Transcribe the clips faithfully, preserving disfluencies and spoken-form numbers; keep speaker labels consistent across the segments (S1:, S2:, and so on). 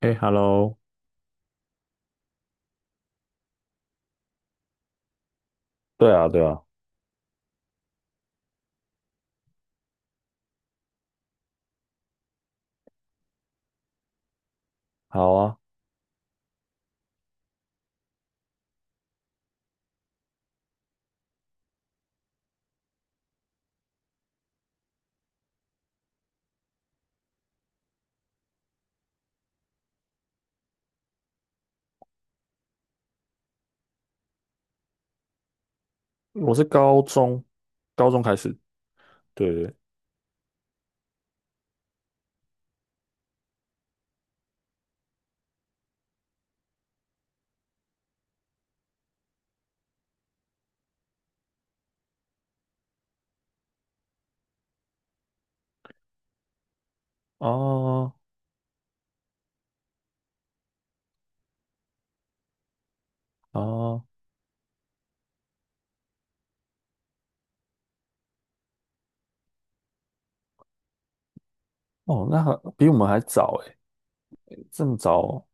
S1: 哎，Hello，对啊，对啊，好啊，我是高中，高中开始。对对，哦哦哦，那还比我们还早哎，这么早哦，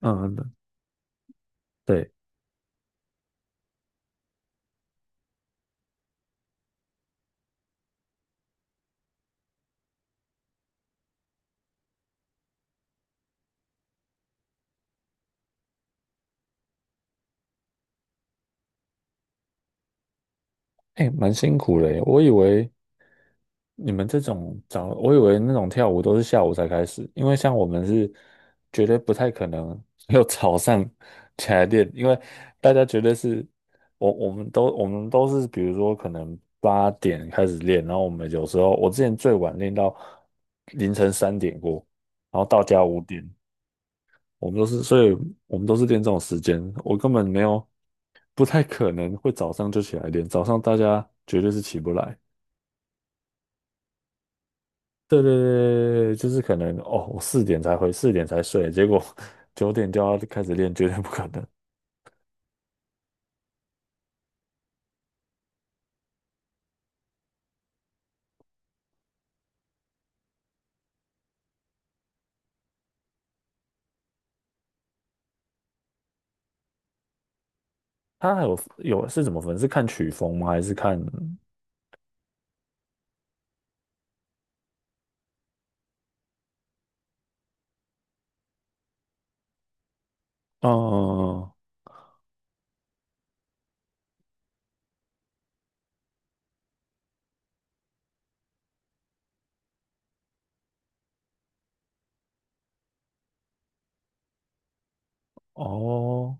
S1: 嗯，对，哎，蛮辛苦嘞，我以为你们这种早，我以为那种跳舞都是下午才开始，因为像我们是绝对不太可能 有早上起来练，因为大家绝对是，我我们都我们都是，比如说可能八点开始练，然后我们有时候我之前最晚练到凌晨三点过，然后到家五点，我们都是，所以我们都是练这种时间，我根本没有，不太可能会早上就起来练，早上大家绝对是起不来。对对对对，对，就是可能哦，我四点才回，四点才睡，结果 九点就要开始练，绝对不可能。他还有有是怎么分？是看曲风吗？还是看？嗯哦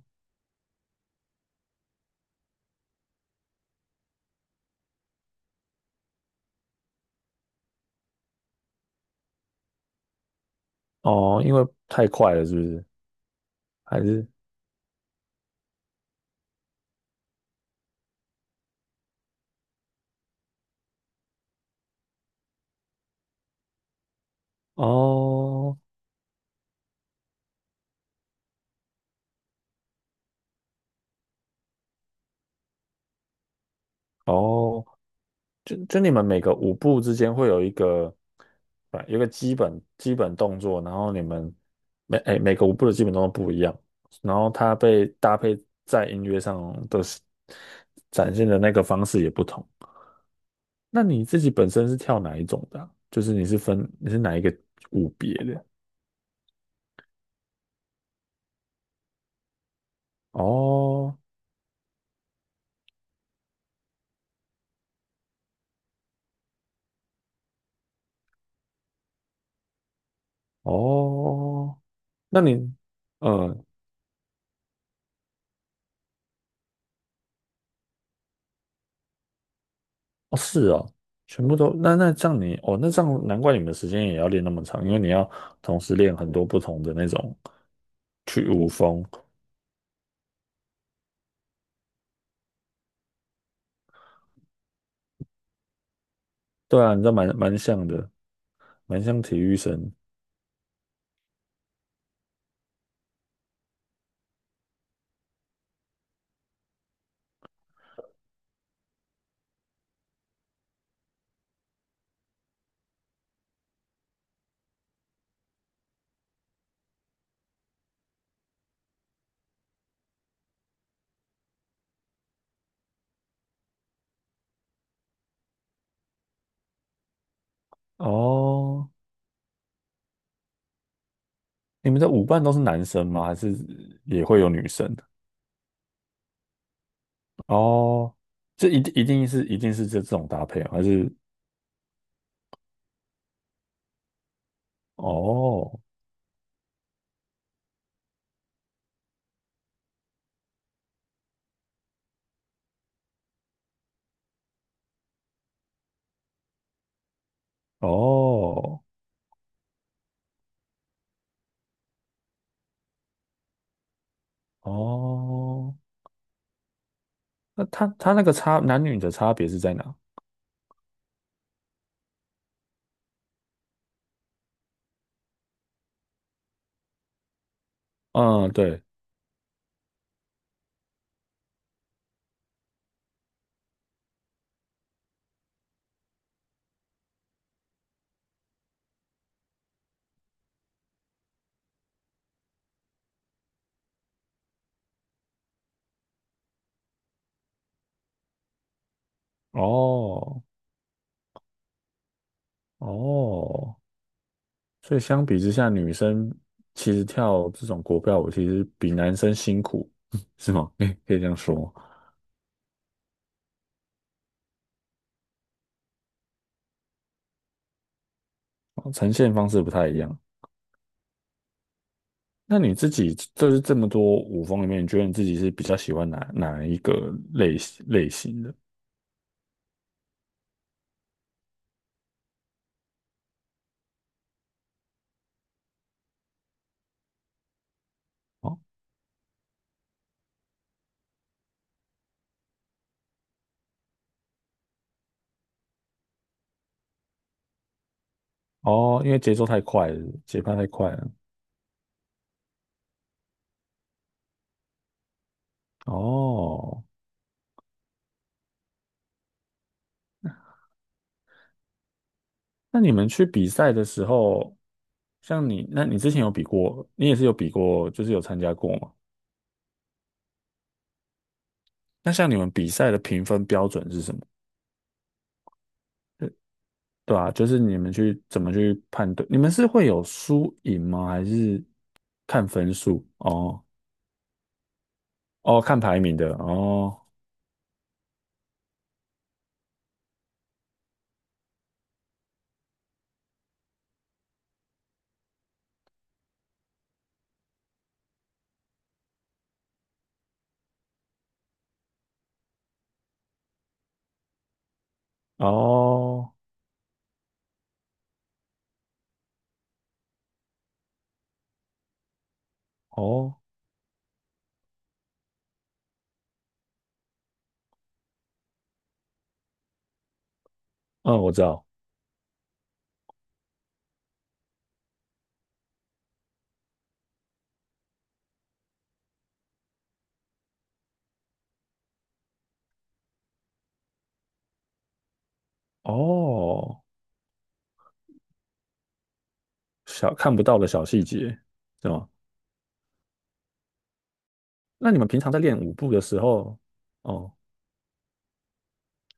S1: 哦，因为太快了，是不是？还是哦哦就就你们每个舞步之间会有一个，啊，有一个基本基本动作，然后你们每哎每个舞步的基本动作不一样，然后它被搭配在音乐上的是展现的那个方式也不同。那你自己本身是跳哪一种的啊就是你是分你是哪一个舞别的？哦哦，那你，嗯、哦，是哦，全部都那那这样你哦，那这样难怪你们的时间也要练那么长，因为你要同时练很多不同的那种去舞风。对啊，你这蛮蛮像的，蛮像体育生哦。你们的舞伴都是男生吗？还是也会有女生？哦，这一定一定是一定是这这种搭配哦，还是哦哦哦？那他他那个差男女的差别是在哪？嗯，对，哦哦所以相比之下，女生其实跳这种国标舞其实比男生辛苦，是吗？可以可以这样说吗哦呈现方式不太一样。那你自己就是这么多舞风里面，你觉得你自己是比较喜欢哪哪一个类型类型的？哦哦，因为节奏太快了，节拍太快了。哦，那你们去比赛的时候，像你，那你之前有比过，你也是有比过，就是有参加过吗？那像你们比赛的评分标准是什么？对啊，就是你们去怎么去判断？你们是会有输赢吗？还是看分数？哦哦，看排名的哦哦哦，嗯，我知道哦，小看不到的小细节，是吗？那你们平常在练舞步的时候，哦，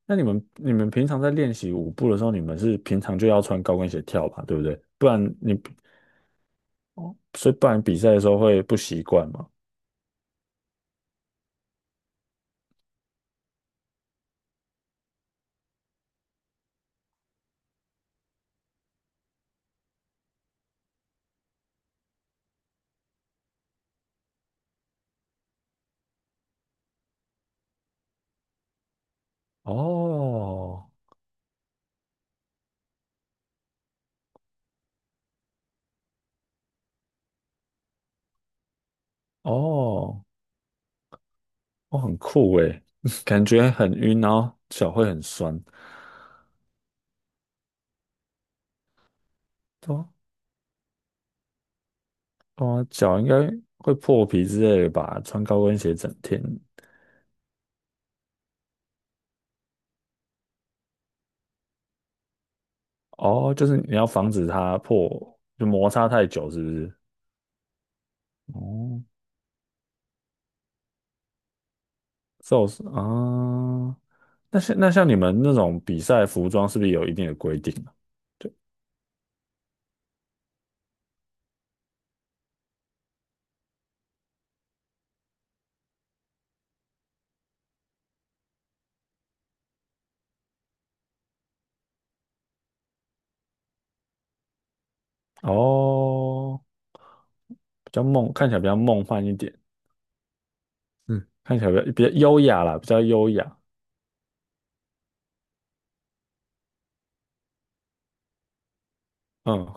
S1: 那你们你们平常在练习舞步的时候，你们是平常就要穿高跟鞋跳吧，对不对？不然你哦，所以不然比赛的时候会不习惯嘛？哦哦。哦，很酷诶，感觉很晕，然后脚会很酸。对啊，对啊，脚应该会破皮之类的吧？穿高跟鞋整天，哦，就是你要防止它破，就摩擦太久，是不是？哦，受伤啊。那像那像你们那种比赛服装，是不是有一定的规定啊对，哦，比较梦，看起来比较梦幻一点，嗯，看起来比较比较优雅啦，比较优雅。嗯，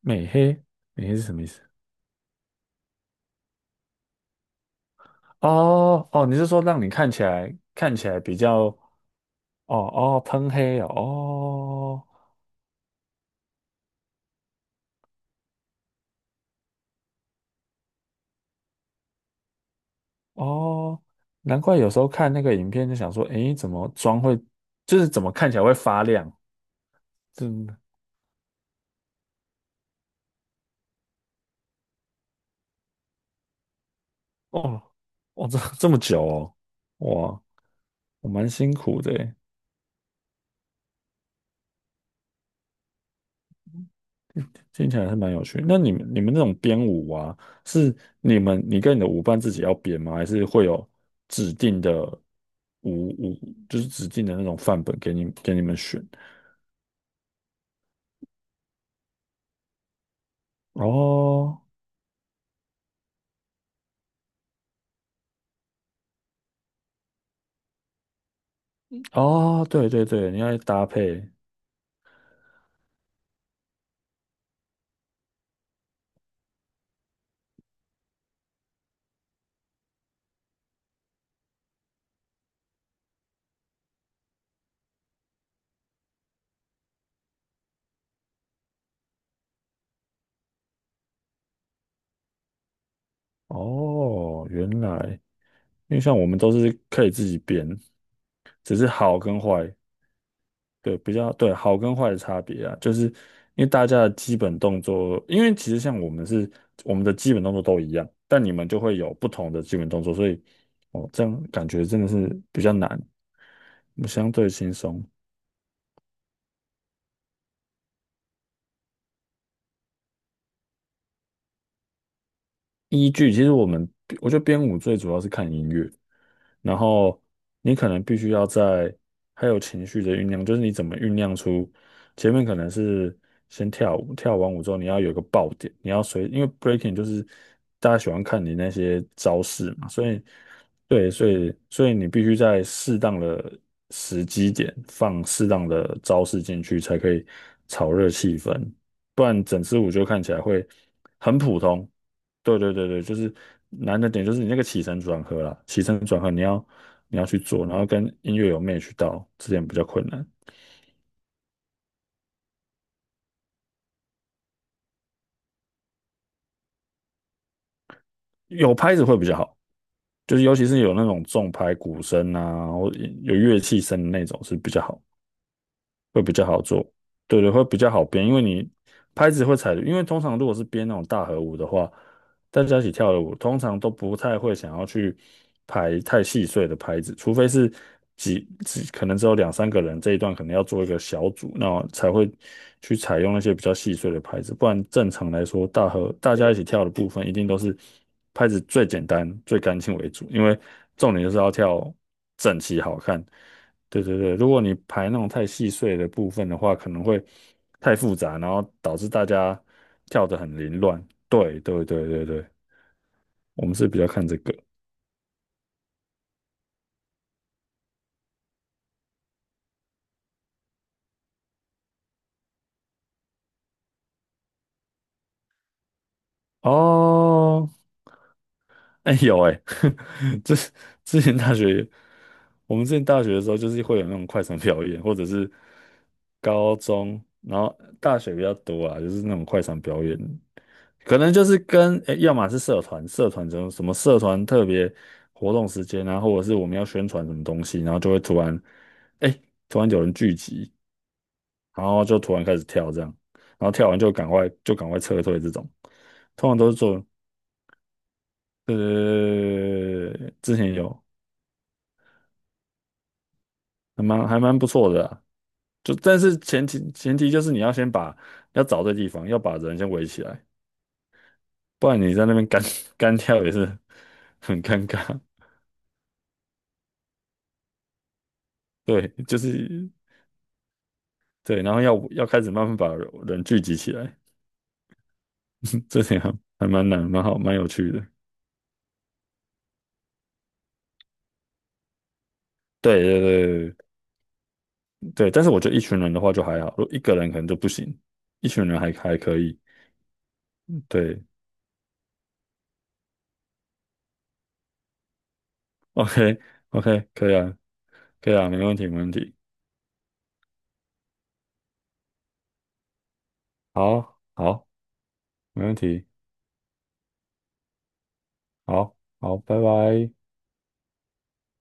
S1: 美黑，美黑是什么意思？哦哦，你是说让你看起来看起来比较哦哦喷黑哦哦哦，难怪有时候看那个影片就想说，诶，怎么妆会就是怎么看起来会发亮？真的哦哦，这这么久哦，哇，我蛮辛苦的诶，听起来还是蛮有趣。那你们你们那种编舞啊，是你们你跟你的舞伴自己要编吗？还是会有指定的舞舞，就是指定的那种范本给你给你们选？哦，哦，对对对，你要搭配。哦，原来，因为像我们都是可以自己编，只是好跟坏，对，比较，对，好跟坏的差别啊，就是因为大家的基本动作，因为其实像我们是我们的基本动作都一样，但你们就会有不同的基本动作，所以哦，这样感觉真的是比较难，我们相对轻松。依据，其实我们我觉得编舞最主要是看音乐，然后你可能必须要在还有情绪的酝酿，就是你怎么酝酿出前面可能是先跳舞，跳完舞之后你要有一个爆点，你要随，因为 breaking 就是大家喜欢看你那些招式嘛，所以对，所以所以你必须在适当的时机点放适当的招式进去，才可以炒热气氛。不然整支舞就看起来会很普通，对对对对，就是难的点就是你那个起承转合啦，起承转合你要你要去做，然后跟音乐有 match 到，这点比较困难。有拍子会比较好，就是尤其是有那种重拍鼓声啊，或有乐器声的那种是比较好。会比较好做，对对，会比较好编，因为你拍子会踩，因为通常如果是编那种大合舞的话，大家一起跳的舞，通常都不太会想要去排太细碎的拍子，除非是几几可能只有两三个人这一段可能要做一个小组，那才会去采用那些比较细碎的拍子，不然正常来说，大合大家一起跳的部分一定都是拍子最简单、最干净为主，因为重点就是要跳整齐好看。对对对，如果你排那种太细碎的部分的话，可能会太复杂，然后导致大家跳得很凌乱。对对对对对，我们是比较看这个哦。哎有哎，这之前大学，我们之前大学的时候，就是会有那种快闪表演，或者是高中，然后大学比较多啊，就是那种快闪表演。可能就是跟，诶要么是社团，社团这种什么社团特别活动时间啊，或者是我们要宣传什么东西，然后就会突然，哎，突然有人聚集，然后就突然开始跳这样，然后跳完就赶快就赶快撤退这种，通常都是做，呃，之前有还蛮还蛮不错的啊就但是前提前提就是你要先把要找对地方，要把人先围起来，不然你在那边干 干跳也是很尴尬。对，就是。对，然后要要开始慢慢把人聚集起来，这点还还蛮难，蛮好，蛮有趣的。对对对对对，但是我觉得一群人的话就还好，如果一个人可能就不行，一群人还还可以。对，OK OK，可以啊，可以啊，没问题没问题。好，好，没问题，好，好，拜拜。